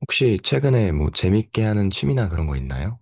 혹시 최근에 뭐 재밌게 하는 취미나 그런 거 있나요?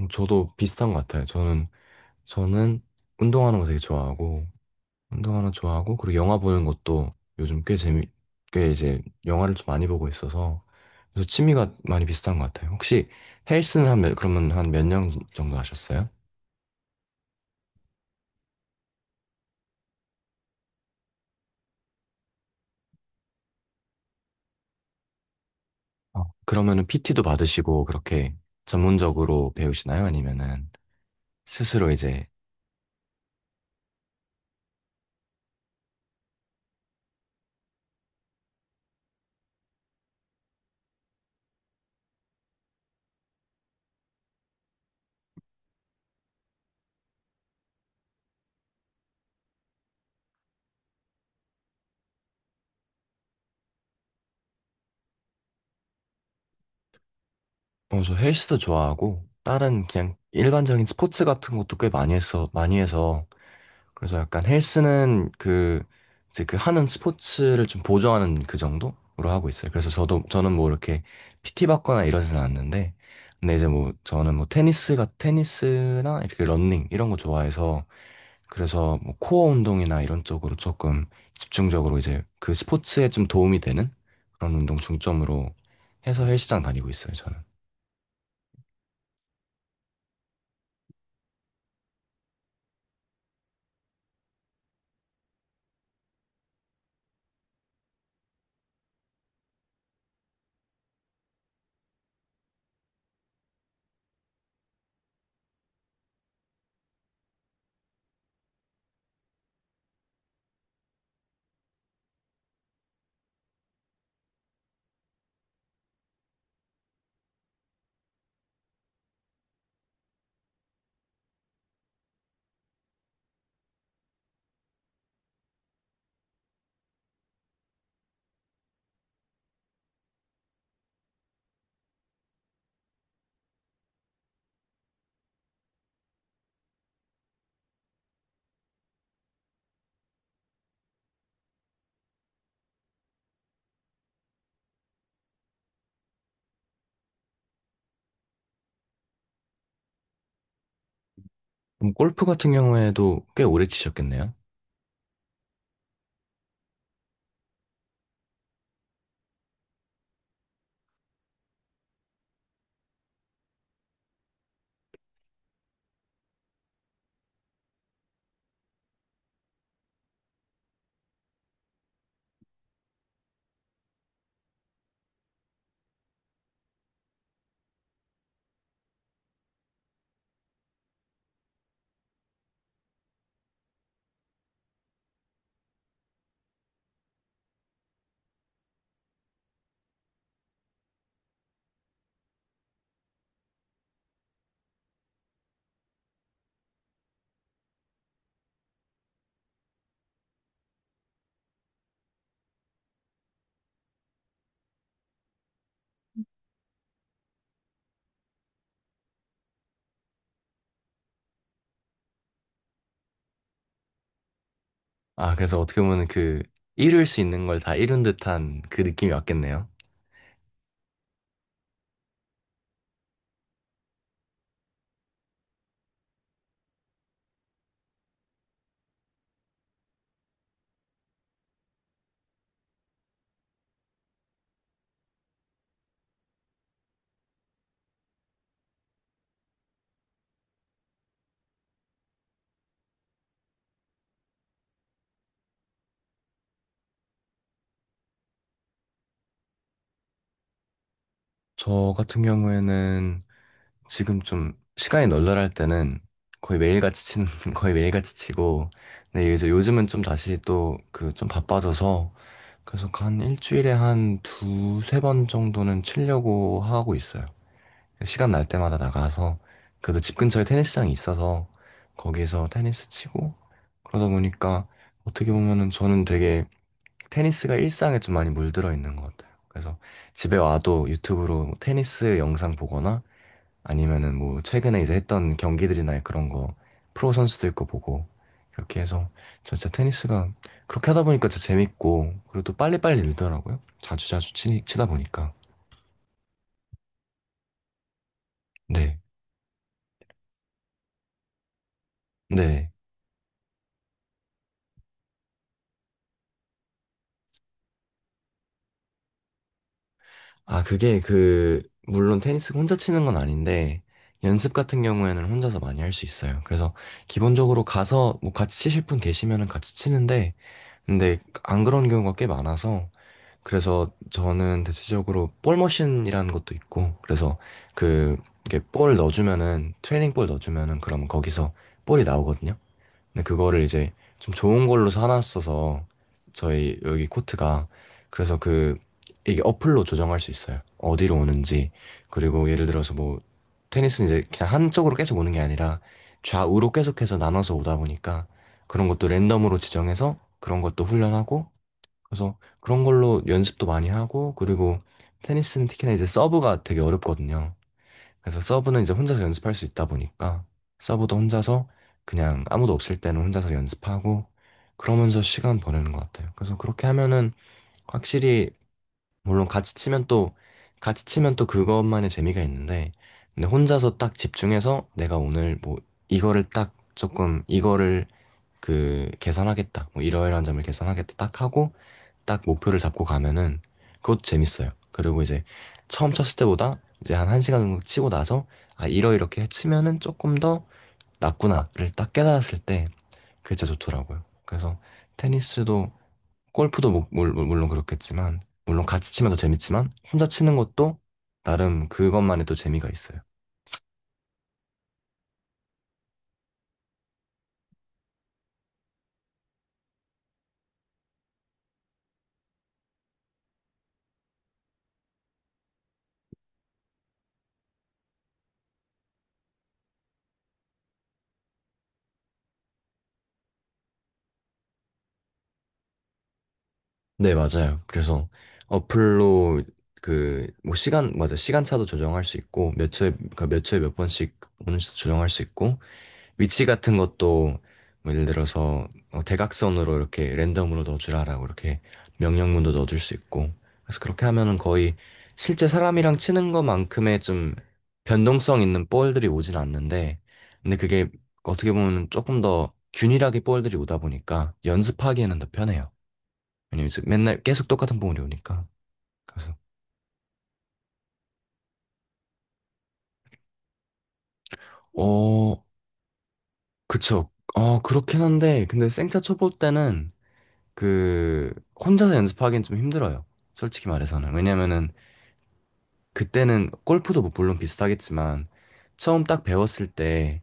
저도 비슷한 것 같아요. 저는 운동하는 거 되게 좋아하고, 운동하는 거 좋아하고, 그리고 영화 보는 것도 요즘 꽤 재미, 꽤 이제 영화를 좀 많이 보고 있어서, 그래서 취미가 많이 비슷한 것 같아요. 혹시 그러면 한 몇 년 정도 하셨어요? 어. 그러면은 PT도 받으시고, 그렇게 전문적으로 배우시나요? 아니면은 스스로 이제, 어, 저 헬스도 좋아하고 다른 그냥 일반적인 스포츠 같은 것도 꽤 많이 했어 많이 해서 그래서 약간 헬스는 그 이제 그 하는 스포츠를 좀 보조하는 그 정도로 하고 있어요. 그래서 저도 저는 뭐 이렇게 PT 받거나 이러진 않는데, 근데 이제 뭐 저는 뭐 테니스가 테니스나 이렇게 러닝 이런 거 좋아해서 그래서 뭐 코어 운동이나 이런 쪽으로 조금 집중적으로 이제 그 스포츠에 좀 도움이 되는 그런 운동 중점으로 해서 헬스장 다니고 있어요, 저는. 그럼 골프 같은 경우에도 꽤 오래 치셨겠네요. 아, 그래서 어떻게 보면 그 이룰 수 있는 걸 다 이룬 듯한 그 느낌이 왔겠네요. 저 같은 경우에는 지금 좀 시간이 널널할 때는 거의 매일같이 치는, 거의 매일같이 치고, 근데 이제 요즘은 좀 다시 또 그 좀 바빠져서 그래서 한 일주일에 한 두세 번 정도는 치려고 하고 있어요. 시간 날 때마다 나가서 그래도 집 근처에 테니스장이 있어서 거기에서 테니스 치고, 그러다 보니까 어떻게 보면은 저는 되게 테니스가 일상에 좀 많이 물들어 있는 것 같아요. 그래서 집에 와도 유튜브로 테니스 영상 보거나 아니면은 뭐 최근에 이제 했던 경기들이나 그런 거 프로 선수들 거 보고 이렇게 해서, 저 진짜 테니스가 그렇게 하다 보니까 진짜 재밌고, 그리고 또 빨리빨리 늘더라고요. 자주자주 치다 보니까. 네. 네. 아, 그게 그 물론 테니스 혼자 치는 건 아닌데 연습 같은 경우에는 혼자서 많이 할 수 있어요. 그래서 기본적으로 가서 뭐 같이 치실 분 계시면은 같이 치는데, 근데 안 그런 경우가 꽤 많아서 그래서 저는 대체적으로 볼 머신이라는 것도 있고 그래서 그 이게 볼 넣어주면은 트레이닝 볼 넣어주면은 그럼 거기서 볼이 나오거든요. 근데 그거를 이제 좀 좋은 걸로 사놨어서 저희 여기 코트가, 그래서 그 이게 어플로 조정할 수 있어요. 어디로 오는지. 그리고 예를 들어서 뭐 테니스는 이제 그냥 한쪽으로 계속 오는 게 아니라 좌우로 계속해서 나눠서 오다 보니까 그런 것도 랜덤으로 지정해서 그런 것도 훈련하고, 그래서 그런 걸로 연습도 많이 하고, 그리고 테니스는 특히나 이제 서브가 되게 어렵거든요. 그래서 서브는 이제 혼자서 연습할 수 있다 보니까 서브도 혼자서 그냥 아무도 없을 때는 혼자서 연습하고 그러면서 시간 보내는 것 같아요. 그래서 그렇게 하면은 확실히 물론 같이 치면 또 같이 치면 또 그것만의 재미가 있는데, 근데 혼자서 딱 집중해서 내가 오늘 뭐 이거를 딱 조금 이거를 그 개선하겠다, 뭐 이러이러한 점을 개선하겠다 딱 하고 딱 목표를 잡고 가면은 그것도 재밌어요. 그리고 이제 처음 쳤을 때보다 이제 한 1시간 정도 치고 나서 아, 이러이렇게 치면은 조금 더 낫구나를 딱 깨달았을 때 그게 진짜 좋더라고요. 그래서 테니스도 골프도 물론 그렇겠지만, 물론 같이 치면 더 재밌지만 혼자 치는 것도 나름 그것만의 또 재미가 있어요. 네, 맞아요. 그래서 어플로 그 뭐 시간차도 조정할 수 있고, 몇 초에 그러니까 몇 초에 몇 번씩 오는지도 조정할 수 있고, 위치 같은 것도 뭐 예를 들어서, 어, 대각선으로 이렇게 랜덤으로 넣어주라라고 이렇게 명령문도 넣어줄 수 있고, 그래서 그렇게 하면은 거의 실제 사람이랑 치는 것만큼의 좀 변동성 있는 볼들이 오진 않는데, 근데 그게 어떻게 보면 조금 더 균일하게 볼들이 오다 보니까 연습하기에는 더 편해요. 왜냐면 이제 맨날 계속 똑같은 볼이 오니까. 그래서 어 그쵸. 그렇긴 한데 근데 생타 쳐볼 때는 그 혼자서 연습하기엔 좀 힘들어요. 솔직히 말해서는. 왜냐면은 그때는 골프도 뭐 물론 비슷하겠지만, 처음 딱 배웠을 때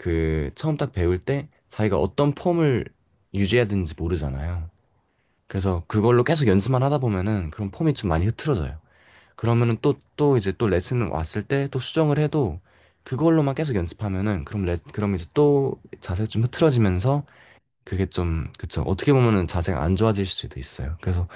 그 처음 딱 배울 때 자기가 어떤 폼을 유지해야 되는지 모르잖아요. 그래서 그걸로 계속 연습만 하다 보면은 그런 폼이 좀 많이 흐트러져요. 그러면은 또 또 이제 또 레슨 왔을 때 또 수정을 해도 그걸로만 계속 연습하면은 그럼 레 그럼 이제 또 자세 좀 흐트러지면서 그게 좀, 그쵸, 어떻게 보면은 자세가 안 좋아질 수도 있어요. 그래서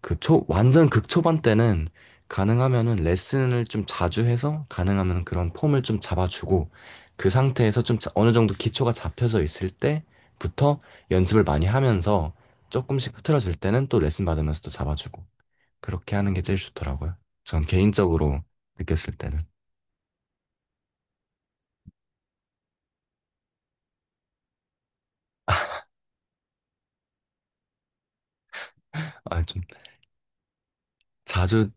완전 극초반 때는 가능하면은 레슨을 좀 자주 해서 가능하면 그런 폼을 좀 잡아주고, 그 상태에서 어느 정도 기초가 잡혀져 있을 때부터 연습을 많이 하면서 조금씩 흐트러질 때는 또 레슨 받으면서 또 잡아주고, 그렇게 하는 게 제일 좋더라고요. 전 개인적으로 느꼈을 때는. 아, 좀 자주,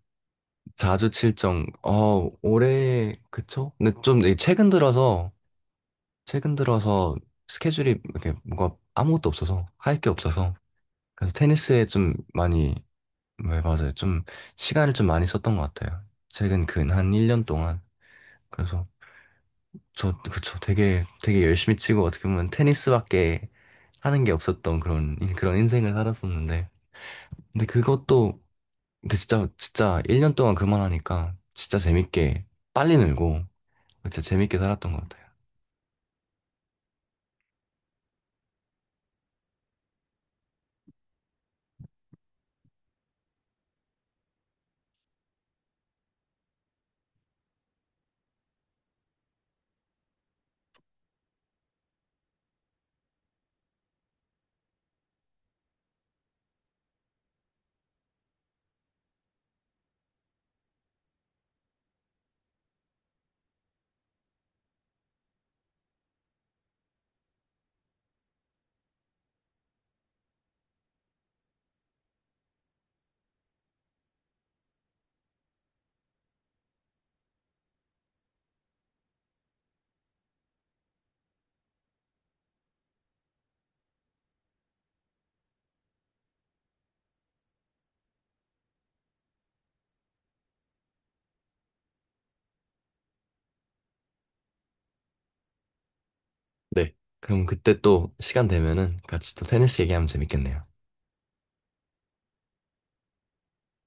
어, 올해, 그쵸? 근데 좀 이게 최근 들어서 스케줄이 이렇게 뭐가 아무것도 없어서 할 게 없어서 그래서 테니스에 좀 많이, 네, 맞아요. 좀 시간을 좀 많이 썼던 것 같아요. 최근 근 한 1년 동안. 그래서 저, 그쵸. 되게, 되게 열심히 치고 어떻게 보면 테니스밖에 하는 게 없었던 그런, 그런 인생을 살았었는데. 근데 그것도, 근데 진짜, 진짜 1년 동안 그만하니까 진짜 재밌게 빨리 늘고 진짜 재밌게 살았던 것 같아요. 네. 그럼 그때 또 시간 되면은 같이 또 테니스 얘기하면 재밌겠네요.